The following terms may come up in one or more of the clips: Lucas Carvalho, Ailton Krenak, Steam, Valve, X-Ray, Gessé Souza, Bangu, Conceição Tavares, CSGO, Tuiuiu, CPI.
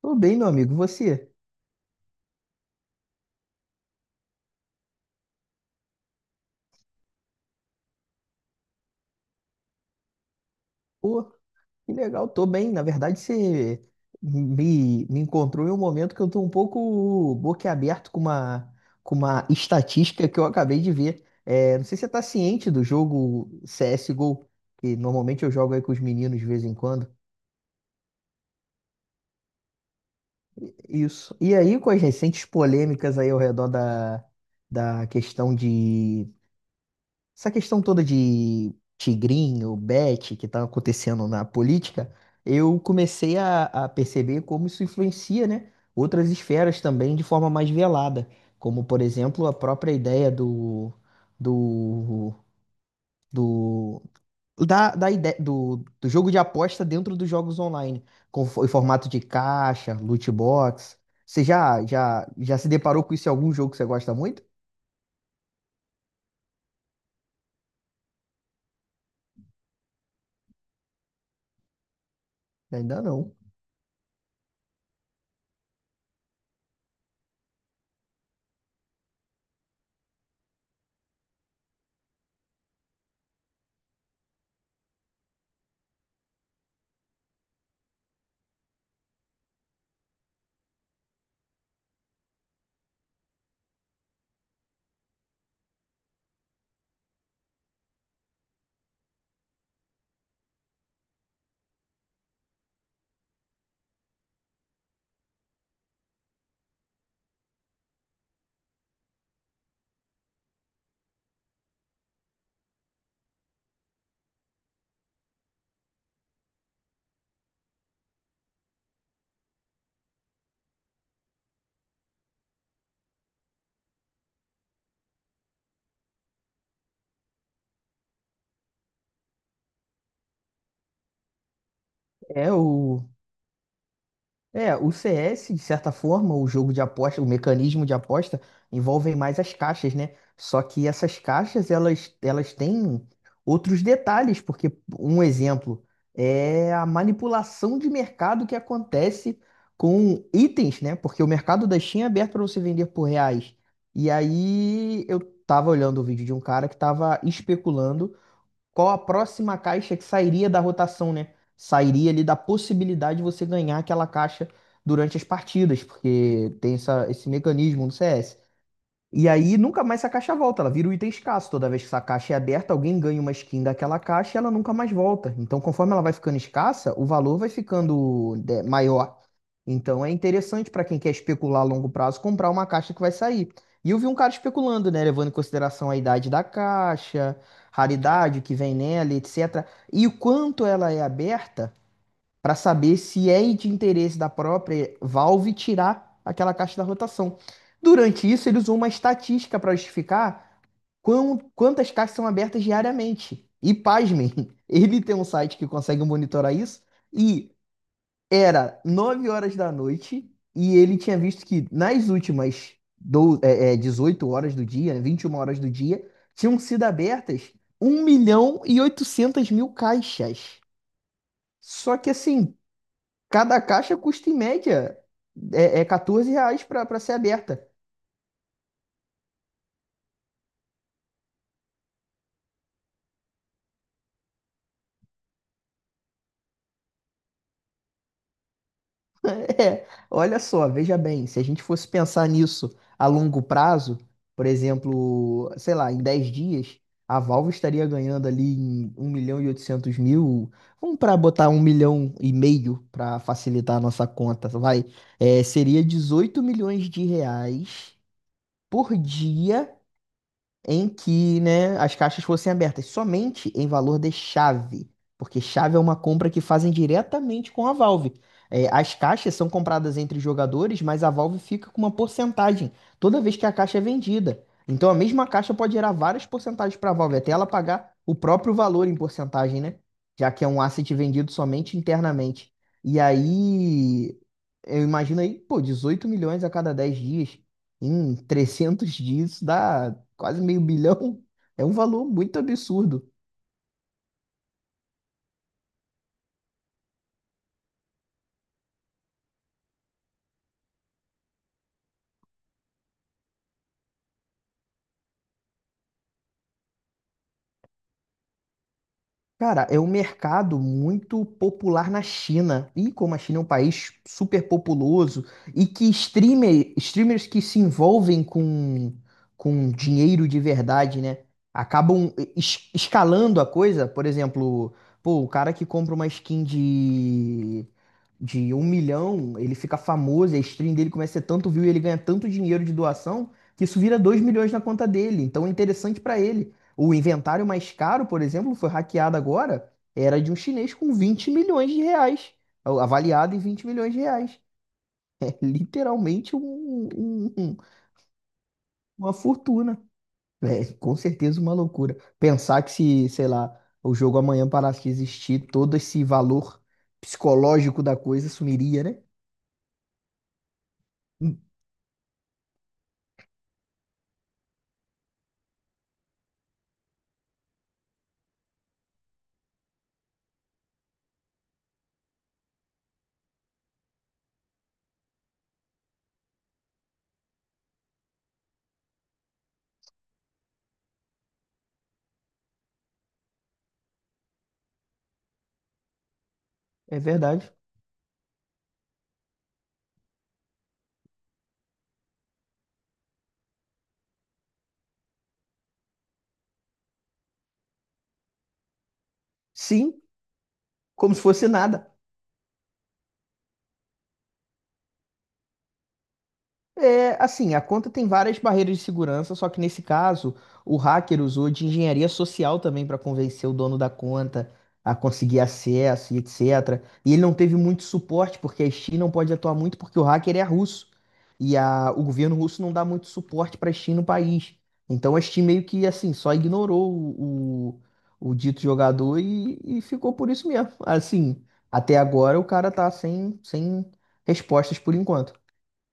Tô bem, meu amigo. Você? Pô, que legal, tô bem. Na verdade, você me encontrou em um momento que eu tô um pouco boquiaberto com com uma estatística que eu acabei de ver. É, não sei se você tá ciente do jogo CSGO, que normalmente eu jogo aí com os meninos de vez em quando. Isso. E aí, com as recentes polêmicas aí ao redor da questão de essa questão toda de tigrinho, bet, que tá acontecendo na política, eu comecei a perceber como isso influencia, né, outras esferas também de forma mais velada, como, por exemplo, a própria ideia do, do, da ideia, do jogo de aposta dentro dos jogos online, em formato de caixa, loot box. Você já se deparou com isso em algum jogo que você gosta muito? Ainda não. É o É, o C S de certa forma, o jogo de aposta, o mecanismo de aposta, envolvem mais as caixas, né? Só que essas caixas, elas têm outros detalhes, porque um exemplo é a manipulação de mercado que acontece com itens, né? Porque o mercado da Steam é aberto para você vender por reais. E aí eu tava olhando o vídeo de um cara que estava especulando qual a próxima caixa que sairia da rotação, né? Sairia ali da possibilidade de você ganhar aquela caixa durante as partidas, porque tem esse mecanismo no CS. E aí nunca mais essa caixa volta, ela vira um item escasso. Toda vez que essa caixa é aberta, alguém ganha uma skin daquela caixa e ela nunca mais volta. Então, conforme ela vai ficando escassa, o valor vai ficando maior. Então, é interessante para quem quer especular a longo prazo comprar uma caixa que vai sair. E eu vi um cara especulando, né, levando em consideração a idade da caixa, raridade que vem nela, etc. E o quanto ela é aberta para saber se é de interesse da própria Valve tirar aquela caixa da rotação. Durante isso, ele usou uma estatística para justificar quantas caixas são abertas diariamente. E pasmem, ele tem um site que consegue monitorar isso e era 9 horas da noite e ele tinha visto que nas últimas 18 horas do dia, né, 21 horas do dia, tinham sido abertas um milhão e 800 mil caixas. Só que assim, cada caixa custa em média R$ 14 para ser aberta. É, olha só, veja bem, se a gente fosse pensar nisso a longo prazo, por exemplo, sei lá, em 10 dias, a Valve estaria ganhando ali em 1 milhão e oitocentos mil. Vamos para botar 1,5 milhão para facilitar a nossa conta, vai. É, seria R$ 18 milhões por dia em que, né, as caixas fossem abertas somente em valor de chave, porque chave é uma compra que fazem diretamente com a Valve. É, as caixas são compradas entre jogadores, mas a Valve fica com uma porcentagem toda vez que a caixa é vendida. Então a mesma caixa pode gerar várias porcentagens para a Valve, até ela pagar o próprio valor em porcentagem, né? Já que é um asset vendido somente internamente. E aí, eu imagino aí, pô, 18 milhões a cada 10 dias. Em 300 dias dá quase meio bilhão. É um valor muito absurdo. Cara, é um mercado muito popular na China. E como a China é um país super populoso e que streamers que se envolvem com dinheiro de verdade, né? Acabam escalando a coisa. Por exemplo, pô, o cara que compra uma skin de 1 milhão, ele fica famoso, a stream dele começa a ter tanto view e ele ganha tanto dinheiro de doação que isso vira 2 milhões na conta dele. Então é interessante pra ele. O inventário mais caro, por exemplo, foi hackeado agora, era de um chinês com R$ 20 milhões, avaliado em R$ 20 milhões. É literalmente uma fortuna. É, com certeza uma loucura. Pensar que se, sei lá, o jogo amanhã parasse de existir, todo esse valor psicológico da coisa sumiria, né? Hum. É verdade. Sim, como se fosse nada. É, assim, a conta tem várias barreiras de segurança, só que nesse caso, o hacker usou de engenharia social também para convencer o dono da conta a conseguir acesso e etc. E ele não teve muito suporte, porque a Steam não pode atuar muito, porque o hacker é russo. E o governo russo não dá muito suporte para a Steam no país. Então a Steam meio que, assim, só ignorou o dito jogador e ficou por isso mesmo. Assim, até agora o cara tá sem respostas por enquanto.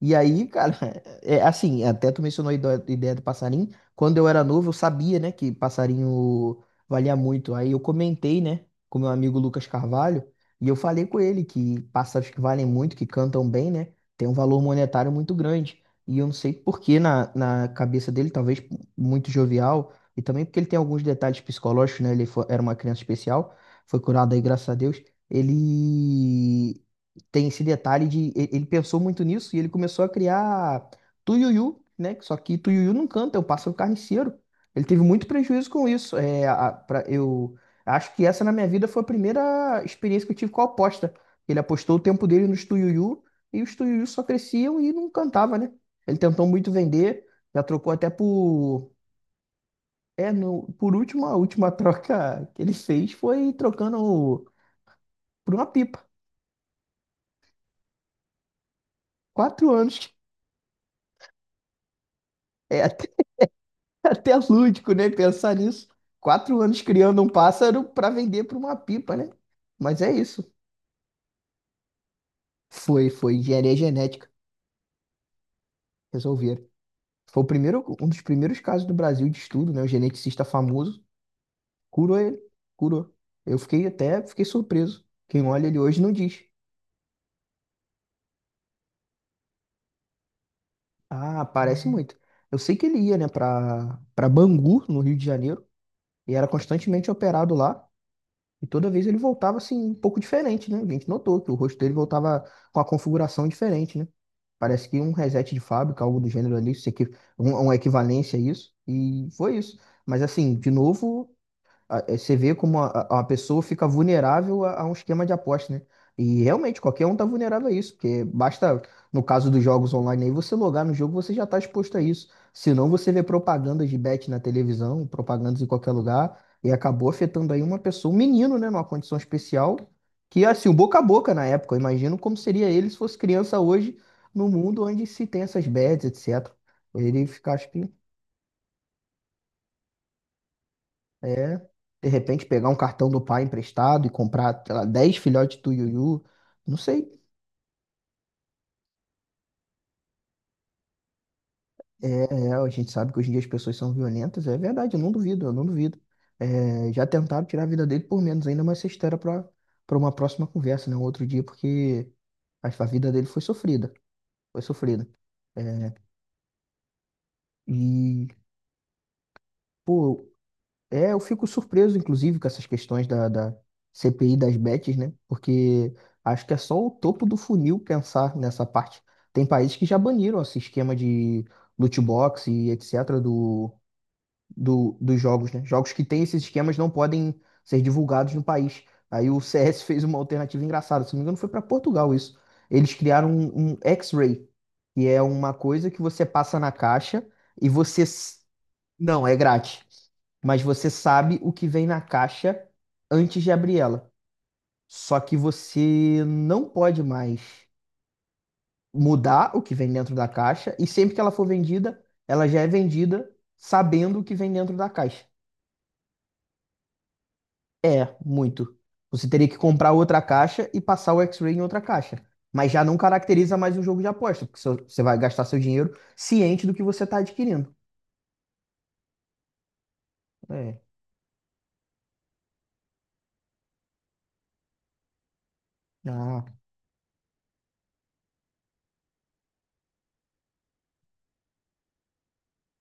E aí, cara, é assim, até tu mencionou a ideia do passarinho. Quando eu era novo, eu sabia, né, que passarinho valia muito. Aí eu comentei, né, com meu amigo Lucas Carvalho, e eu falei com ele que pássaros que valem muito, que cantam bem, né, tem um valor monetário muito grande. E eu não sei por que na cabeça dele, talvez muito jovial, e também porque ele tem alguns detalhes psicológicos, né, era uma criança especial, foi curado aí, graças a Deus. Ele tem esse detalhe de ele pensou muito nisso e ele começou a criar Tuiuiu, né? que Só que Tuiuiu não canta, é o pássaro carniceiro. Ele teve muito prejuízo com isso. É, eu acho que essa na minha vida foi a primeira experiência que eu tive com a aposta. Ele apostou o tempo dele nos Tuiuiu e os Tuiuiu só cresciam e não cantava, né? Ele tentou muito vender, já trocou até por é, no, por último, a última troca que ele fez foi trocando por uma pipa. 4 anos. É, até lúdico, né? Pensar nisso. 4 anos criando um pássaro para vender para uma pipa, né? Mas é isso. Foi engenharia genética. Resolveram. Foi o primeiro, um dos primeiros casos do Brasil de estudo, né? O geneticista famoso curou ele. Curou. Eu fiquei surpreso. Quem olha ele hoje não diz. Ah, parece muito. Eu sei que ele ia, né, para Bangu, no Rio de Janeiro, e era constantemente operado lá. E toda vez ele voltava assim, um pouco diferente, né? A gente notou que o rosto dele voltava com a configuração diferente, né? Parece que um reset de fábrica, algo do gênero ali, isso aqui, uma equivalência a isso. E foi isso. Mas assim, de novo você vê como a pessoa fica vulnerável a um esquema de aposta, né? E realmente qualquer um tá vulnerável a isso, porque basta, no caso dos jogos online aí, você logar no jogo, você já tá exposto a isso. Senão você vê propagandas de bet na televisão, propagandas em qualquer lugar, e acabou afetando aí uma pessoa, um menino, né, numa condição especial, que assim, o boca a boca na época, eu imagino como seria ele se fosse criança hoje, no mundo onde se tem essas bets, etc. Ele fica, acho que é, de repente pegar um cartão do pai emprestado e comprar, sei lá, 10 filhotes do Yuyu, não sei. É, é, a gente sabe que hoje em dia as pessoas são violentas, é verdade, eu não duvido, eu não duvido. É, já tentaram tirar a vida dele por menos ainda, mas isso era para para uma próxima conversa, né? Um outro dia, porque a vida dele foi sofrida, foi sofrida. É, e, pô, é, eu fico surpreso, inclusive, com essas questões da CPI das bets, né? Porque acho que é só o topo do funil pensar nessa parte. Tem países que já baniram esse esquema de loot box e etc. Dos jogos, né? Jogos que têm esses esquemas não podem ser divulgados no país. Aí o CS fez uma alternativa engraçada, se não me engano, foi para Portugal isso. Eles criaram um X-Ray, que é uma coisa que você passa na caixa e não, é grátis. Mas você sabe o que vem na caixa antes de abrir ela. Só que você não pode mais mudar o que vem dentro da caixa. E sempre que ela for vendida, ela já é vendida sabendo o que vem dentro da caixa. É, muito. Você teria que comprar outra caixa e passar o X-Ray em outra caixa. Mas já não caracteriza mais um jogo de aposta, porque você vai gastar seu dinheiro ciente do que você está adquirindo. É. Ah.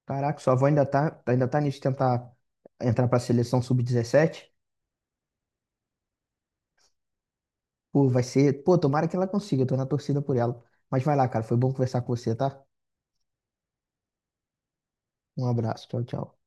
Caraca, sua avó ainda tá nisso de tentar entrar pra seleção sub-17. Pô, vai ser. Pô, tomara que ela consiga, eu tô na torcida por ela. Mas vai lá, cara, foi bom conversar com você, tá? Um abraço, tchau, tchau.